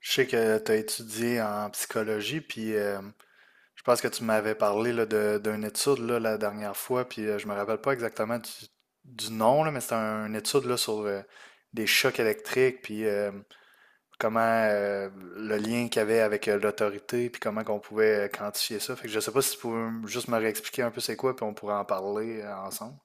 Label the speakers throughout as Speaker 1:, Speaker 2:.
Speaker 1: Je sais que tu as étudié en psychologie, puis je pense que tu m'avais parlé là, de, d'une étude là, la dernière fois, puis je me rappelle pas exactement du nom, là, mais c'était une étude là, sur des chocs électriques, puis comment le lien qu'il y avait avec l'autorité, puis comment qu'on pouvait quantifier ça. Fait que je sais pas si tu pouvais juste me réexpliquer un peu c'est quoi, puis on pourrait en parler ensemble.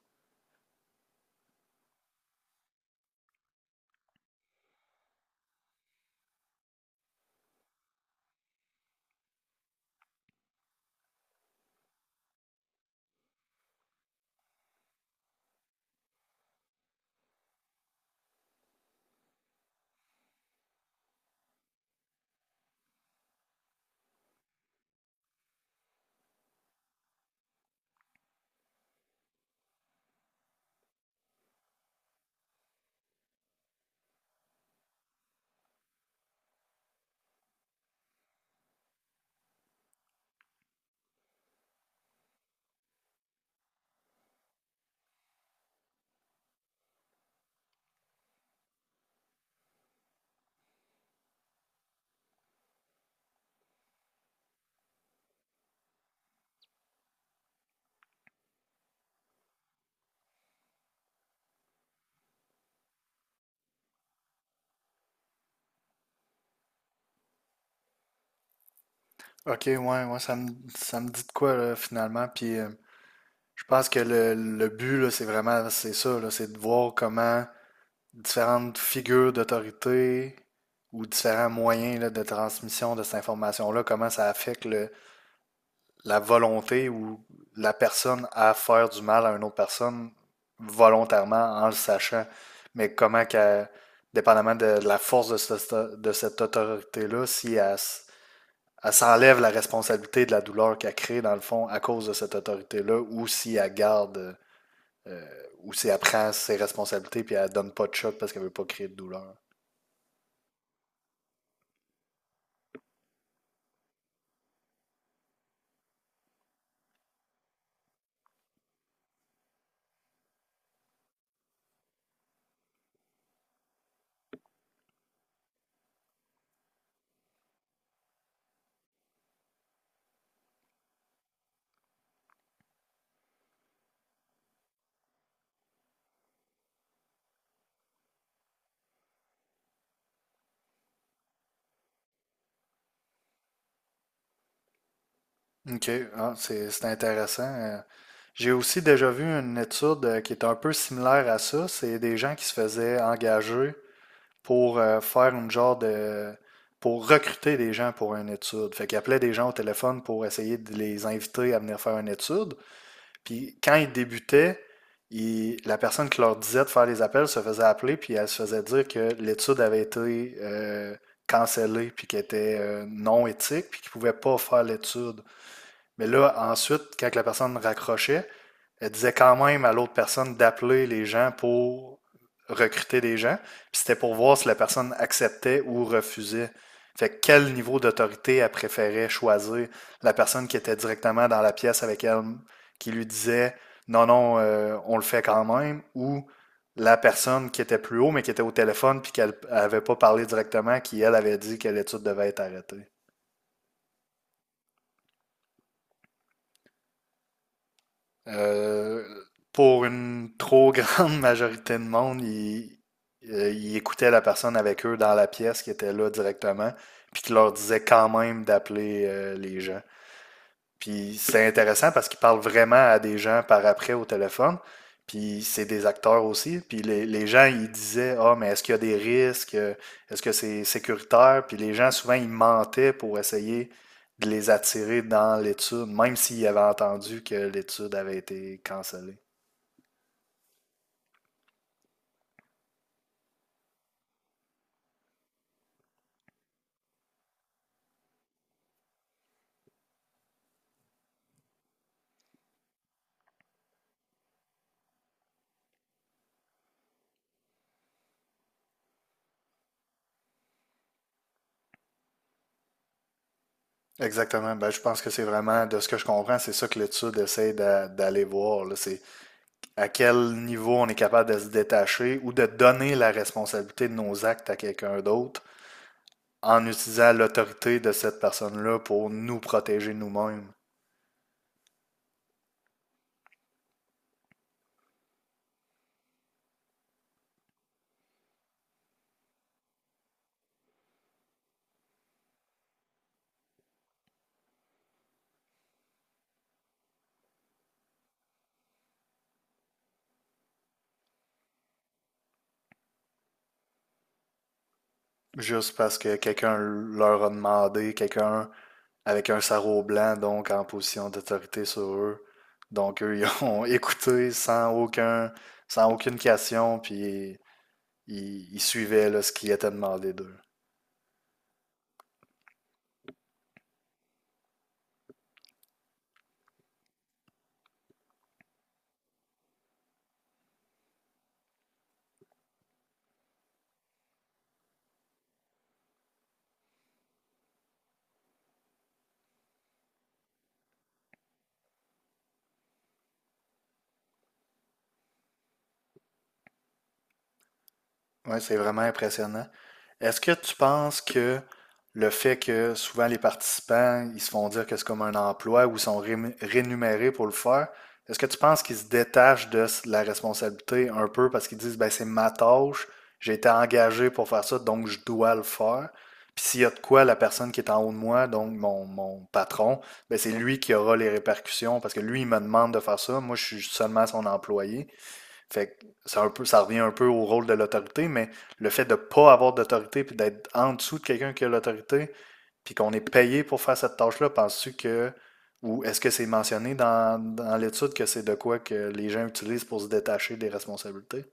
Speaker 1: Ok, ouais, ouais, ça me dit de quoi là, finalement, puis je pense que le but, là, c'est vraiment, c'est ça, là, c'est de voir comment différentes figures d'autorité ou différents moyens là, de transmission de cette information-là, comment ça affecte la volonté ou la personne à faire du mal à une autre personne volontairement en le sachant, mais comment qu'elle, dépendamment de la force de, de cette autorité-là, si elle, elle s'enlève la responsabilité de la douleur qu'elle crée dans le fond à cause de cette autorité-là ou si elle garde euh, où c'est elle prend ses responsabilités puis elle donne pas de choc parce qu'elle veut pas créer de douleur. OK, ah, c'est intéressant. J'ai aussi déjà vu une étude qui est un peu similaire à ça. C'est des gens qui se faisaient engager pour faire une genre de... pour recruter des gens pour une étude. Fait qu'ils appelaient des gens au téléphone pour essayer de les inviter à venir faire une étude. Puis quand ils débutaient, la personne qui leur disait de faire les appels se faisait appeler, puis elle se faisait dire que l'étude avait été cancellée, puis qu'elle était non éthique, puis qu'ils ne pouvaient pas faire l'étude. Mais là, ensuite, quand la personne raccrochait, elle disait quand même à l'autre personne d'appeler les gens pour recruter des gens. Puis c'était pour voir si la personne acceptait ou refusait. Fait que quel niveau d'autorité elle préférait choisir, la personne qui était directement dans la pièce avec elle, qui lui disait non, non, on le fait quand même, ou la personne qui était plus haut, mais qui était au téléphone, puis qu'elle n'avait pas parlé directement, qui, elle, avait dit que l'étude devait être arrêtée. Euh, pour une trop grande majorité de monde, ils écoutaient la personne avec eux dans la pièce qui était là directement, puis qui leur disait quand même d'appeler les gens. Puis c'est intéressant parce qu'ils parlent vraiment à des gens par après au téléphone. Puis c'est des acteurs aussi. Puis les gens, ils disaient: ah, mais est-ce qu'il y a des risques? Est-ce que c'est sécuritaire? Puis les gens, souvent, ils mentaient pour essayer de les attirer dans l'étude, même s'ils avaient entendu que l'étude avait été cancellée. Exactement. Ben, je pense que c'est vraiment, de ce que je comprends, c'est ça que l'étude essaie d'aller voir là. C'est à quel niveau on est capable de se détacher ou de donner la responsabilité de nos actes à quelqu'un d'autre en utilisant l'autorité de cette personne-là pour nous protéger nous-mêmes. Juste parce que quelqu'un leur a demandé, quelqu'un avec un sarrau blanc, donc en position d'autorité sur eux. Donc eux, ils ont écouté sans aucun, sans aucune question, puis ils suivaient là, ce qui était demandé d'eux. Ouais, c'est vraiment impressionnant. Est-ce que tu penses que le fait que souvent les participants, ils se font dire que c'est comme un emploi ou ils sont rémunérés pour le faire, est-ce que tu penses qu'ils se détachent de la responsabilité un peu parce qu'ils disent, ben c'est ma tâche, j'ai été engagé pour faire ça, donc je dois le faire. Puis s'il y a de quoi, la personne qui est en haut de moi, donc mon patron, ben c'est lui qui aura les répercussions parce que lui, il me demande de faire ça, moi je suis seulement son employé. Fait que ça, un peu, ça revient un peu au rôle de l'autorité, mais le fait de pas avoir d'autorité puis d'être en dessous de quelqu'un qui a l'autorité, puis qu'on est payé pour faire cette tâche-là, penses-tu que, ou est-ce que c'est mentionné dans, dans l'étude que c'est de quoi que les gens utilisent pour se détacher des responsabilités?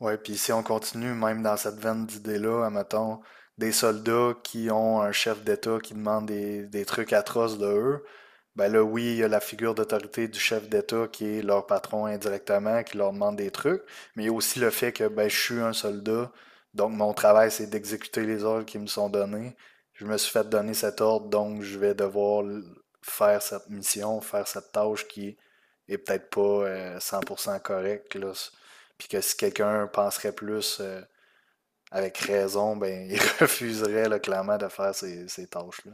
Speaker 1: Ouais, puis si on continue même dans cette veine d'idées-là, admettons, des soldats qui ont un chef d'État qui demande des trucs atroces de eux, ben là, oui, il y a la figure d'autorité du chef d'État qui est leur patron indirectement, qui leur demande des trucs, mais il y a aussi le fait que ben, je suis un soldat, donc mon travail, c'est d'exécuter les ordres qui me sont donnés. Je me suis fait donner cet ordre, donc je vais devoir faire cette mission, faire cette tâche qui est peut-être pas 100% correcte, là, puis que si quelqu'un penserait plus avec raison, ben il refuserait là, clairement de faire ces, ces tâches-là.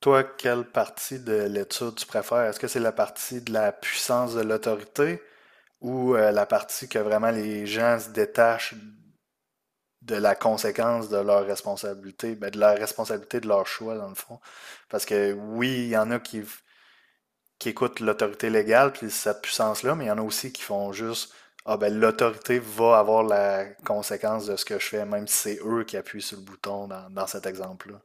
Speaker 1: Toi, quelle partie de l'étude tu préfères? Est-ce que c'est la partie de la puissance de l'autorité ou la partie que vraiment les gens se détachent de la conséquence de leur responsabilité, ben, de la responsabilité de leur choix, dans le fond? Parce que oui, il y en a qui écoutent l'autorité légale puis cette puissance-là, mais il y en a aussi qui font juste: ah ben l'autorité va avoir la conséquence de ce que je fais, même si c'est eux qui appuient sur le bouton dans, dans cet exemple-là.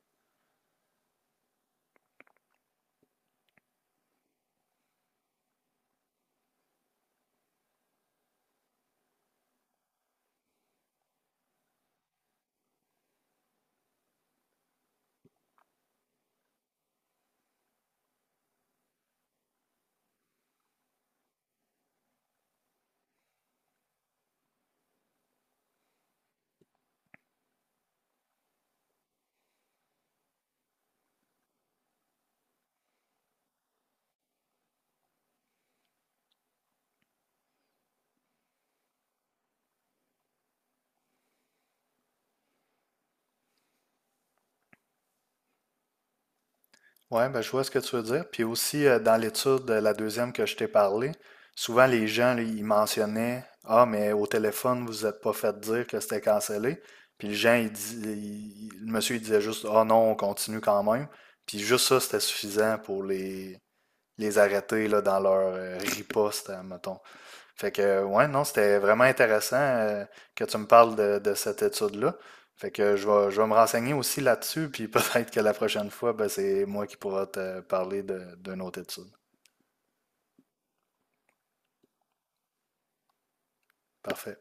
Speaker 1: Ouais, ben je vois ce que tu veux dire. Puis aussi, dans l'étude, la deuxième que je t'ai parlé, souvent les gens, là, ils mentionnaient: ah, mais au téléphone, vous n'êtes pas fait dire que c'était cancellé. Puis les gens, le monsieur, il disait juste: ah non, on continue quand même. Puis juste ça, c'était suffisant pour les arrêter là, dans leur riposte, hein, mettons. Fait que, ouais, non, c'était vraiment intéressant que tu me parles de cette étude-là. Fait que je vais me renseigner aussi là-dessus, puis peut-être que la prochaine fois, ben, c'est moi qui pourra te parler de, d'une autre étude. Parfait.